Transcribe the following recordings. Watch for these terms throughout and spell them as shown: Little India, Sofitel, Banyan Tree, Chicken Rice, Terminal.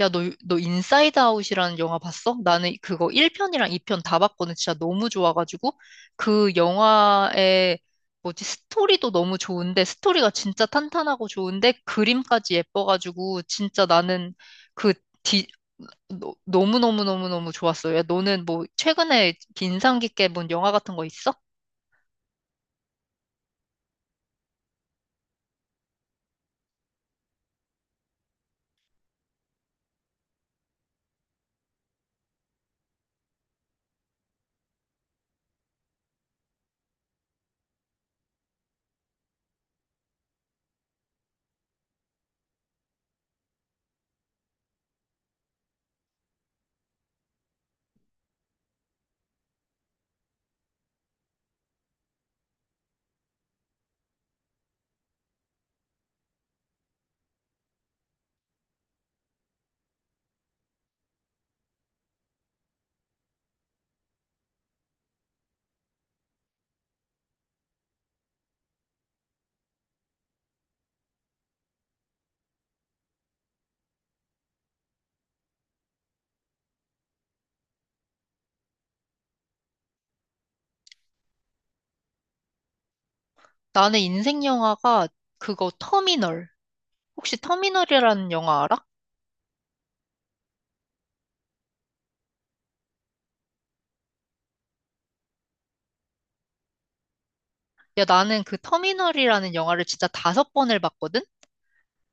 야, 너 인사이드 아웃이라는 영화 봤어? 나는 그거 1편이랑 2편 다 봤거든. 진짜 너무 좋아가지고. 그 영화의, 스토리도 너무 좋은데, 스토리가 진짜 탄탄하고 좋은데, 그림까지 예뻐가지고, 진짜 나는 그 디 너, 너무너무너무너무 좋았어. 야, 너는 뭐, 최근에 인상 깊게 본 영화 같은 거 있어? 나는 인생 영화가 그거 터미널. 혹시 터미널이라는 영화 알아? 야, 나는 그 터미널이라는 영화를 진짜 다섯 번을 봤거든?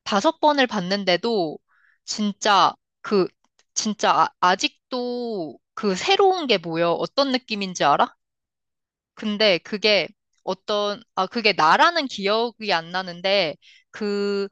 다섯 번을 봤는데도 진짜 그 진짜 아, 아직도 그 새로운 게 뭐여 어떤 느낌인지 알아? 근데 그게 어떤 아 그게 나라는 기억이 안 나는데, 그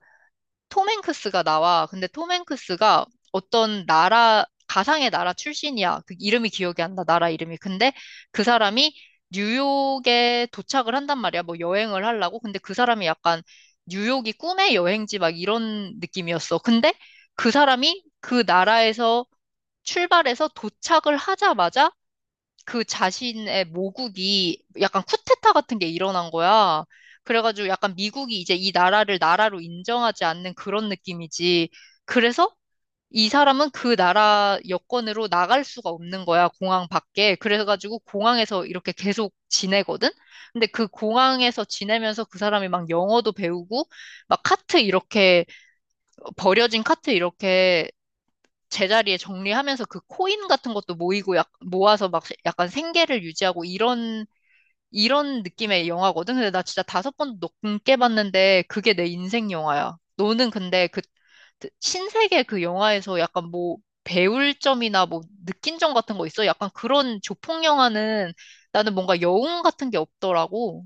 톰 행크스가 나와. 근데 톰 행크스가 어떤 나라, 가상의 나라 출신이야. 그 이름이 기억이 안 나, 나라 이름이. 근데 그 사람이 뉴욕에 도착을 한단 말이야. 뭐 여행을 하려고. 근데 그 사람이 약간 뉴욕이 꿈의 여행지 막 이런 느낌이었어. 근데 그 사람이 그 나라에서 출발해서 도착을 하자마자 그 자신의 모국이 약간 쿠데타 같은 게 일어난 거야. 그래가지고 약간 미국이 이제 이 나라를 나라로 인정하지 않는 그런 느낌이지. 그래서 이 사람은 그 나라 여권으로 나갈 수가 없는 거야, 공항 밖에. 그래가지고 공항에서 이렇게 계속 지내거든? 근데 그 공항에서 지내면서 그 사람이 막 영어도 배우고, 막 카트 이렇게, 버려진 카트 이렇게 제자리에 정리하면서 그 코인 같은 것도 모이고 약, 모아서 막 약간 생계를 유지하고 이런 느낌의 영화거든. 근데 나 진짜 다섯 번 넘게 봤는데 그게 내 인생 영화야. 너는 근데 그 신세계 그 영화에서 약간 뭐 배울 점이나 뭐 느낀 점 같은 거 있어? 약간 그런 조폭 영화는 나는 뭔가 여운 같은 게 없더라고.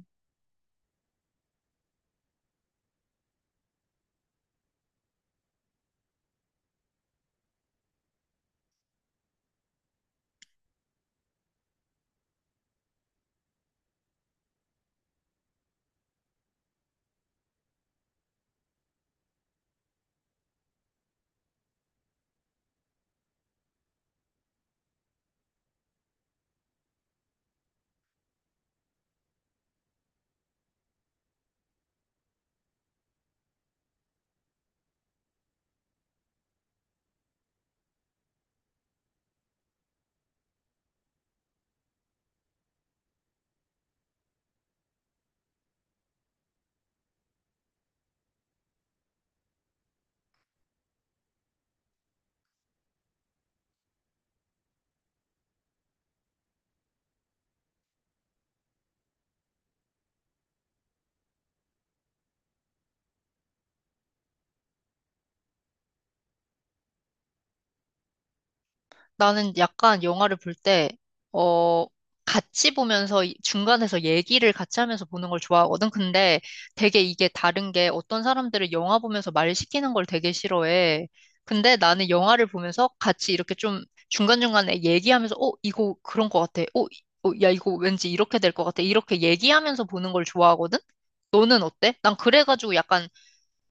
나는 약간 영화를 볼 때, 어, 같이 보면서 이- 중간에서 얘기를 같이 하면서 보는 걸 좋아하거든. 근데 되게 이게 다른 게 어떤 사람들은 영화 보면서 말 시키는 걸 되게 싫어해. 근데 나는 영화를 보면서 같이 이렇게 좀 중간중간에 얘기하면서, 어, 이거 그런 것 같아. 야, 이거 왠지 이렇게 될 것 같아. 이렇게 얘기하면서 보는 걸 좋아하거든? 너는 어때? 난 그래가지고 약간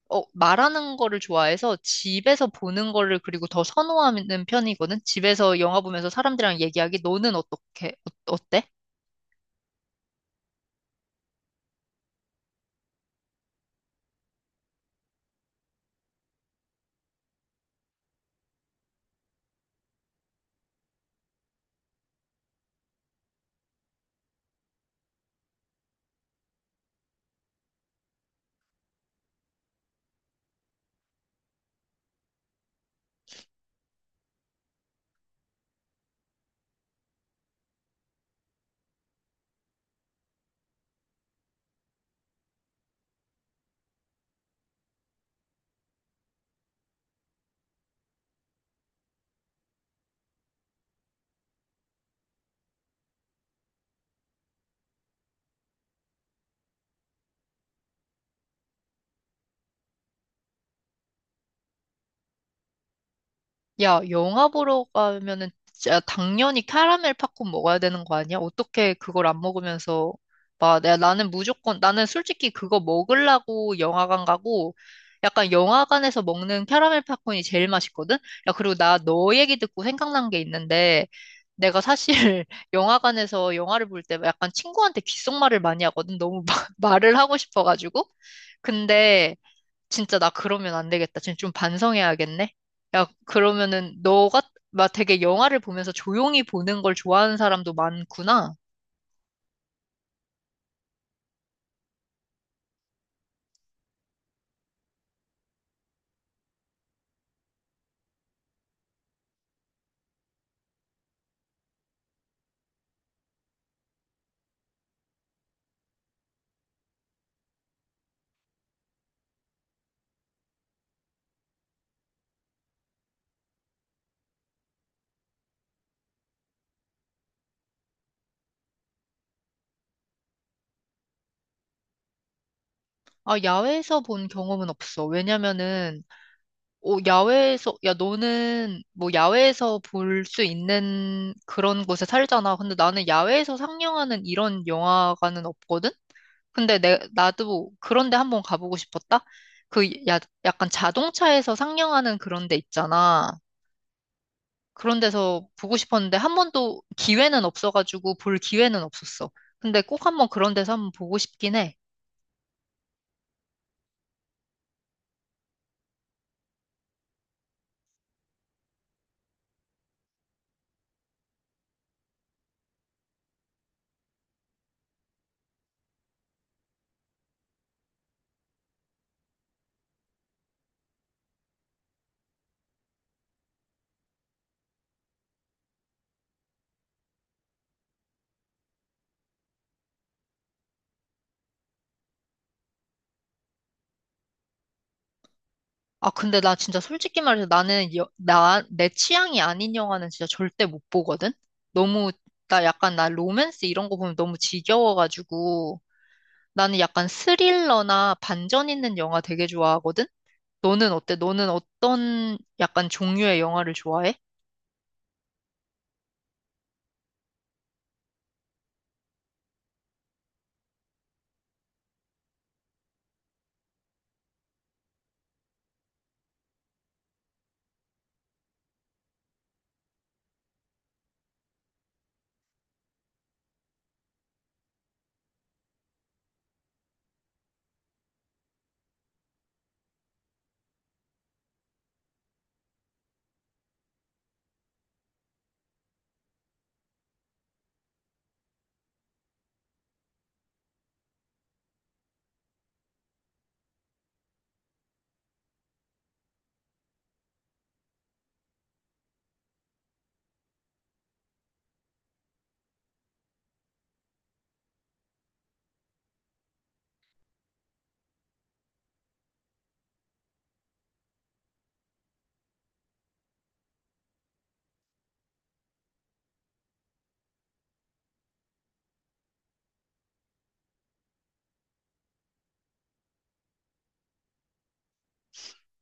어, 말하는 거를 좋아해서 집에서 보는 거를 그리고 더 선호하는 편이거든? 집에서 영화 보면서 사람들이랑 얘기하기, 너는 어떻게, 어, 어때? 야, 영화 보러 가면은 진짜 당연히 캐러멜 팝콘 먹어야 되는 거 아니야? 어떻게 그걸 안 먹으면서 막 내가 나는 무조건 나는 솔직히 그거 먹으려고 영화관 가고 약간 영화관에서 먹는 캐러멜 팝콘이 제일 맛있거든? 야, 그리고 나 너 얘기 듣고 생각난 게 있는데 내가 사실 영화관에서 영화를 볼 때 약간 친구한테 귓속말을 많이 하거든. 너무 막 말을 하고 싶어가지고. 근데 진짜 나 그러면 안 되겠다. 진짜 좀 반성해야겠네. 야, 그러면은 너가 막 되게 영화를 보면서 조용히 보는 걸 좋아하는 사람도 많구나. 아, 야외에서 본 경험은 없어. 왜냐면은 어, 야외에서 야 너는 뭐 야외에서 볼 수 있는 그런 곳에 살잖아. 근데 나는 야외에서 상영하는 이런 영화관은 없거든. 근데 내 나도 그런데 한번 가보고 싶었다. 그 야, 약간 자동차에서 상영하는 그런 데 있잖아. 그런 데서 보고 싶었는데 한 번도 기회는 없어가지고 볼 기회는 없었어. 근데 꼭 한 번 그런 데서 한번 보고 싶긴 해. 아, 근데 나 진짜 솔직히 말해서 나는 여- 나, 내 취향이 아닌 영화는 진짜 절대 못 보거든? 너무, 나 로맨스 이런 거 보면 너무 지겨워가지고 나는 약간 스릴러나 반전 있는 영화 되게 좋아하거든? 너는 어때? 너는 어떤 약간 종류의 영화를 좋아해?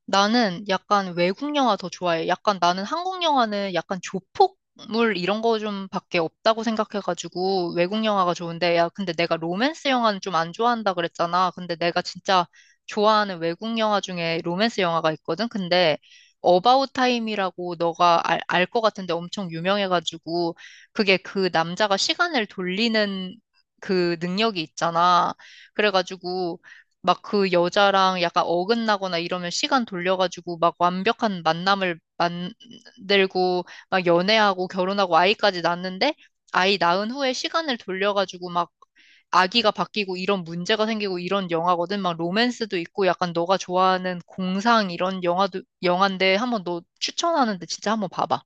나는 약간 외국 영화 더 좋아해. 약간 나는 한국 영화는 약간 조폭물 이런 거 좀 밖에 없다고 생각해가지고 외국 영화가 좋은데, 야, 근데 내가 로맨스 영화는 좀 안 좋아한다 그랬잖아. 근데 내가 진짜 좋아하는 외국 영화 중에 로맨스 영화가 있거든. 근데 어바웃 타임이라고 너가 알, 알 것 같은데 엄청 유명해가지고 그게 그 남자가 시간을 돌리는 그 능력이 있잖아. 그래가지고 막 그 여자랑 약간 어긋나거나 이러면 시간 돌려가지고 막 완벽한 만남을 만들고 막 연애하고 결혼하고 아이까지 낳는데 아이 낳은 후에 시간을 돌려가지고 막 아기가 바뀌고 이런 문제가 생기고 이런 영화거든. 막 로맨스도 있고 약간 너가 좋아하는 공상 이런 영화도 영화인데 한번 너 추천하는데 진짜 한번 봐봐.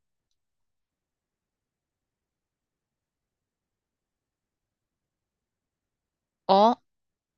어.